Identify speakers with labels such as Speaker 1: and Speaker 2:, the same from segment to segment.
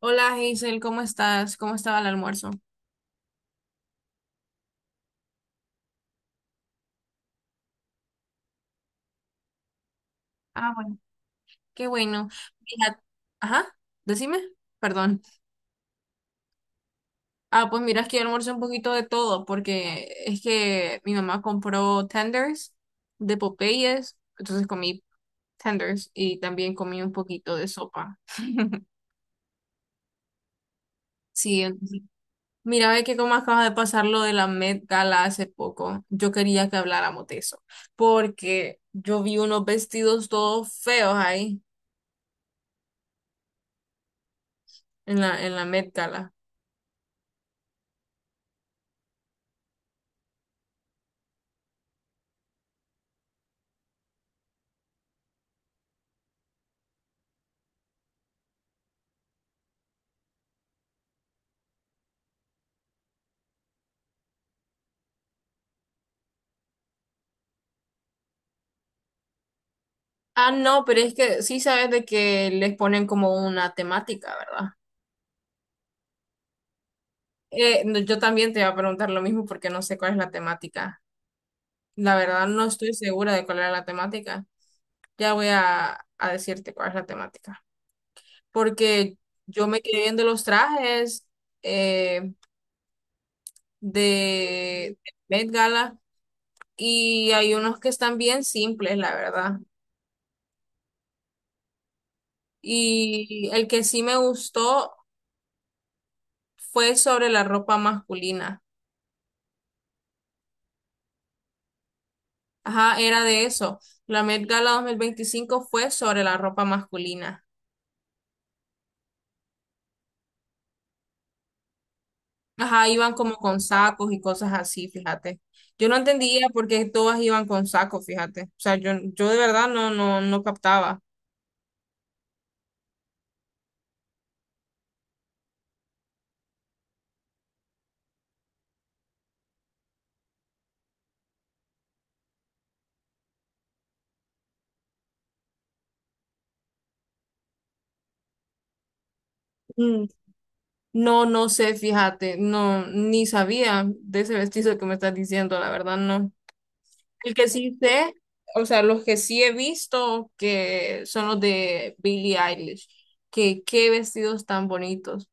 Speaker 1: Hola Hazel, ¿cómo estás? ¿Cómo estaba el almuerzo? Ah, bueno. Qué bueno. Mira, ajá, decime, perdón. Ah, pues mira, es que yo almuerzo un poquito de todo, porque es que mi mamá compró tenders de Popeyes, entonces comí tenders y también comí un poquito de sopa. Sí, mira, ve que como acaba de pasar lo de la Met Gala hace poco, yo quería que habláramos de eso, porque yo vi unos vestidos todos feos ahí en la Met Gala. Ah, no, pero es que sí sabes de que les ponen como una temática, ¿verdad? No, yo también te iba a preguntar lo mismo porque no sé cuál es la temática. La verdad no estoy segura de cuál era la temática. Ya voy a decirte cuál es la temática. Porque yo me quedé viendo los trajes eh, de Met Gala y hay unos que están bien simples, la verdad. Y el que sí me gustó fue sobre la ropa masculina. Ajá, era de eso. La Met Gala 2025 fue sobre la ropa masculina. Ajá, iban como con sacos y cosas así, fíjate. Yo no entendía por qué todas iban con sacos, fíjate. O sea, yo de verdad no, no, no captaba. Mm, No, no sé, fíjate, no, ni sabía de ese vestido que me estás diciendo, la verdad, no. El que sí sé, o sea, los que sí he visto que son los de Billie Eilish, que qué vestidos tan bonitos.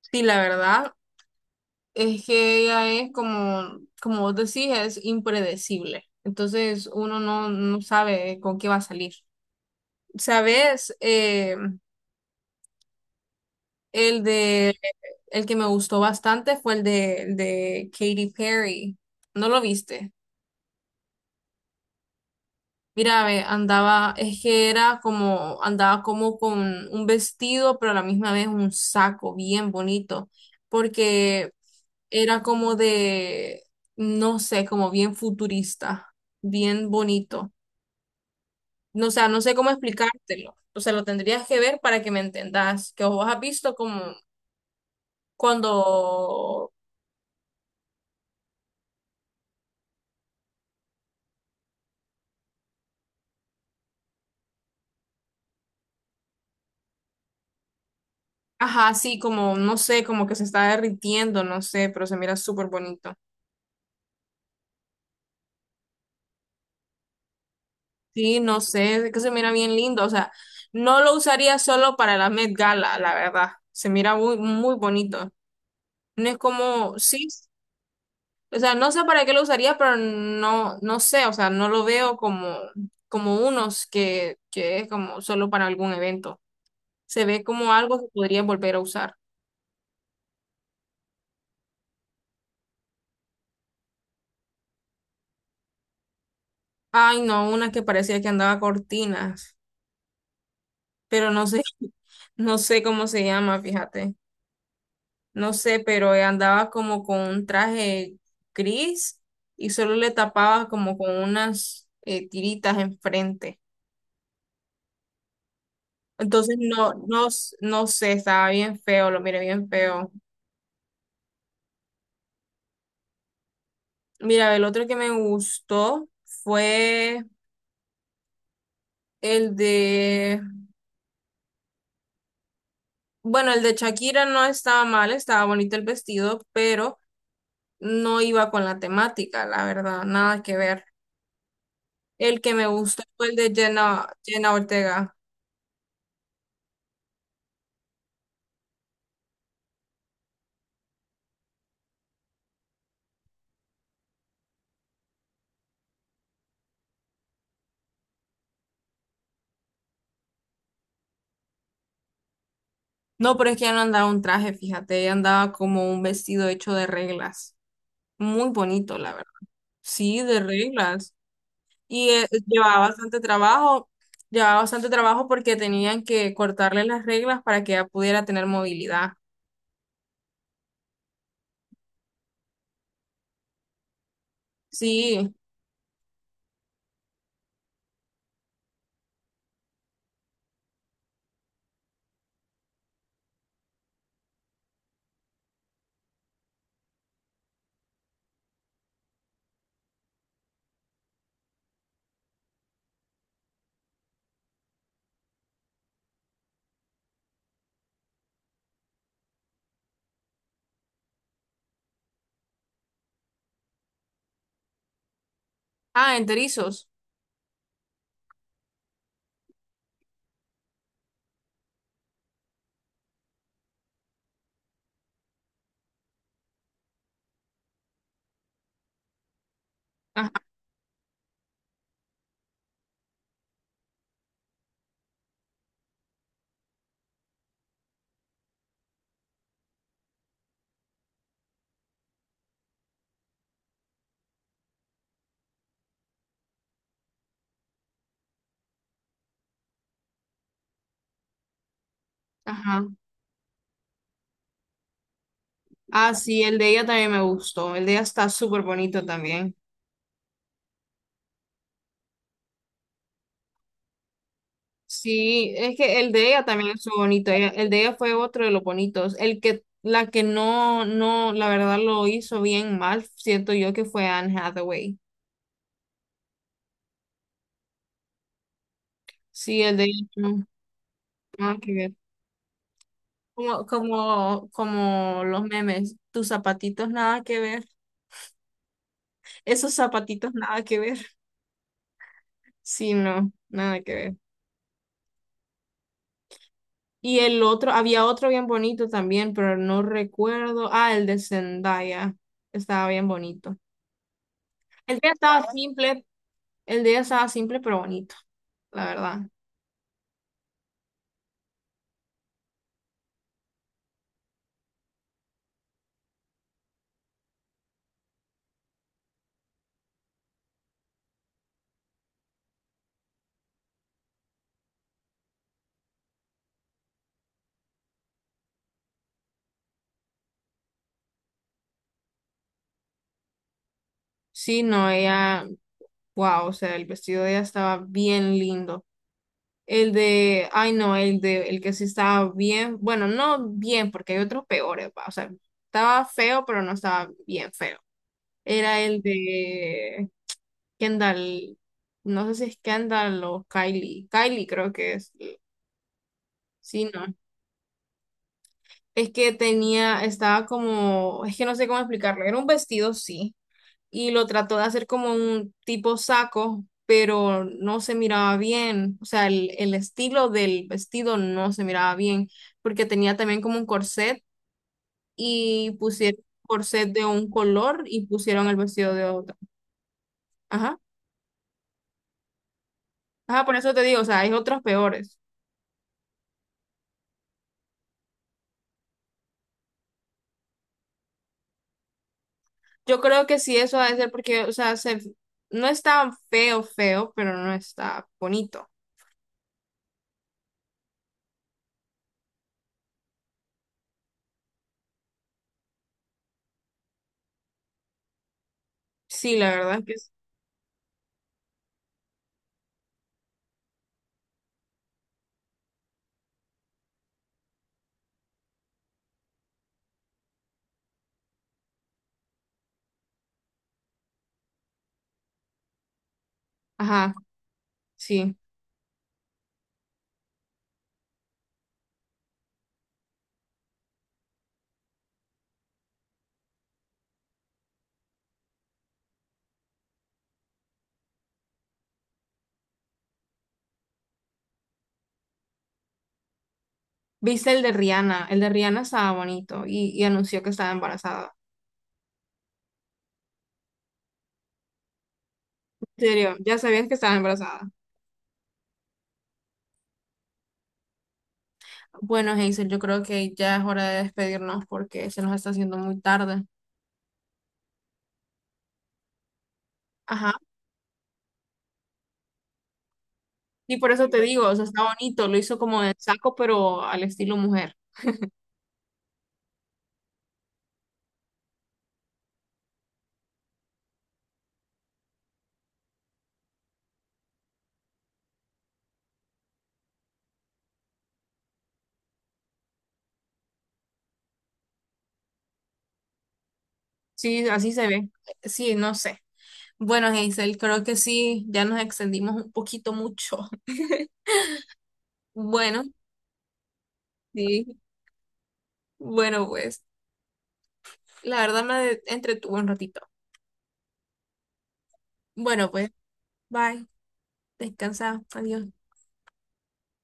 Speaker 1: Sí, la verdad, es que ella es como, como vos decís, es impredecible. Entonces uno no, no sabe con qué va a salir. ¿Sabes? El de, el que me gustó bastante fue el de Katy Perry. ¿No lo viste? Mira, ve, andaba, es que era como, andaba como con un vestido, pero a la misma vez un saco bien bonito, porque era como de, no sé, como bien futurista, bien bonito. No, o sea, no sé cómo explicártelo. O sea, lo tendrías que ver para que me entendas, que vos has visto como cuando, ajá, sí, como, no sé, como que se está derritiendo, no sé, pero se mira súper bonito. Sí, no sé, es que se mira bien lindo, o sea, no lo usaría solo para la Met Gala, la verdad, se mira muy, muy bonito. No es como, sí, o sea, no sé para qué lo usaría, pero no, no sé, o sea, no lo veo como, como unos que es como solo para algún evento. Se ve como algo que podría volver a usar. Ay, no, una que parecía que andaba cortinas, pero no sé, no sé cómo se llama, fíjate. No sé, pero andaba como con un traje gris y solo le tapaba como con unas tiritas enfrente. Entonces no sé, estaba bien feo, lo miré bien feo. Mira, el otro que me gustó fue el de, bueno, el de Shakira no estaba mal, estaba bonito el vestido, pero no iba con la temática, la verdad, nada que ver. El que me gustó fue el de Jenna Ortega. No, pero es que ya no andaba un traje, fíjate, ella andaba como un vestido hecho de reglas. Muy bonito, la verdad. Sí, de reglas. Y llevaba bastante trabajo porque tenían que cortarle las reglas para que ella pudiera tener movilidad. Sí. Ah, enterizos. Ajá, ajá. Ah, sí, el de ella también me gustó. El de ella está súper bonito también. Sí, es que el de ella también es bonito. El de ella fue otro de los bonitos. La que no, no, la verdad lo hizo bien mal, siento yo que fue Anne Hathaway. Sí, el de ella no, nada que ver. Como, como, como los memes, tus zapatitos nada que ver, esos zapatitos nada que ver. Sí, no, nada que ver. Y el otro, había otro bien bonito también, pero no recuerdo. Ah, el de Zendaya. Estaba bien bonito. El día estaba simple, el día estaba simple pero bonito, la verdad. Sí, no, ella, wow, o sea, el vestido de ella estaba bien lindo. El de, ay no, el de, el que sí estaba bien, bueno, no bien, porque hay otros peores, va. O sea, estaba feo, pero no estaba bien feo. Era el de Kendall, no sé si es Kendall o Kylie, Kylie creo que es, sí, no. Es que tenía, estaba como, es que no sé cómo explicarlo, era un vestido, sí y lo trató de hacer como un tipo saco, pero no se miraba bien, o sea, el estilo del vestido no se miraba bien, porque tenía también como un corset y pusieron corset de un color y pusieron el vestido de otro. Ajá, ajá, por eso te digo, o sea, hay otros peores. Yo creo que sí, eso ha de ser porque, o sea, se, no está feo, feo, pero no está bonito. Sí, la verdad es que. Ajá, sí. ¿Viste el de Rihanna? El de Rihanna estaba bonito y anunció que estaba embarazada. En serio, ya sabían que estaba embarazada. Bueno, Hazel, yo creo que ya es hora de despedirnos porque se nos está haciendo muy tarde. Ajá. Y por eso te digo, o sea, está bonito, lo hizo como de saco, pero al estilo mujer. Sí, así se ve. Sí, no sé. Bueno, Hazel, creo que sí, ya nos extendimos un poquito mucho. Bueno, sí. Bueno, pues, la verdad me entretuvo un ratito. Bueno, pues, bye. Descansa. Adiós.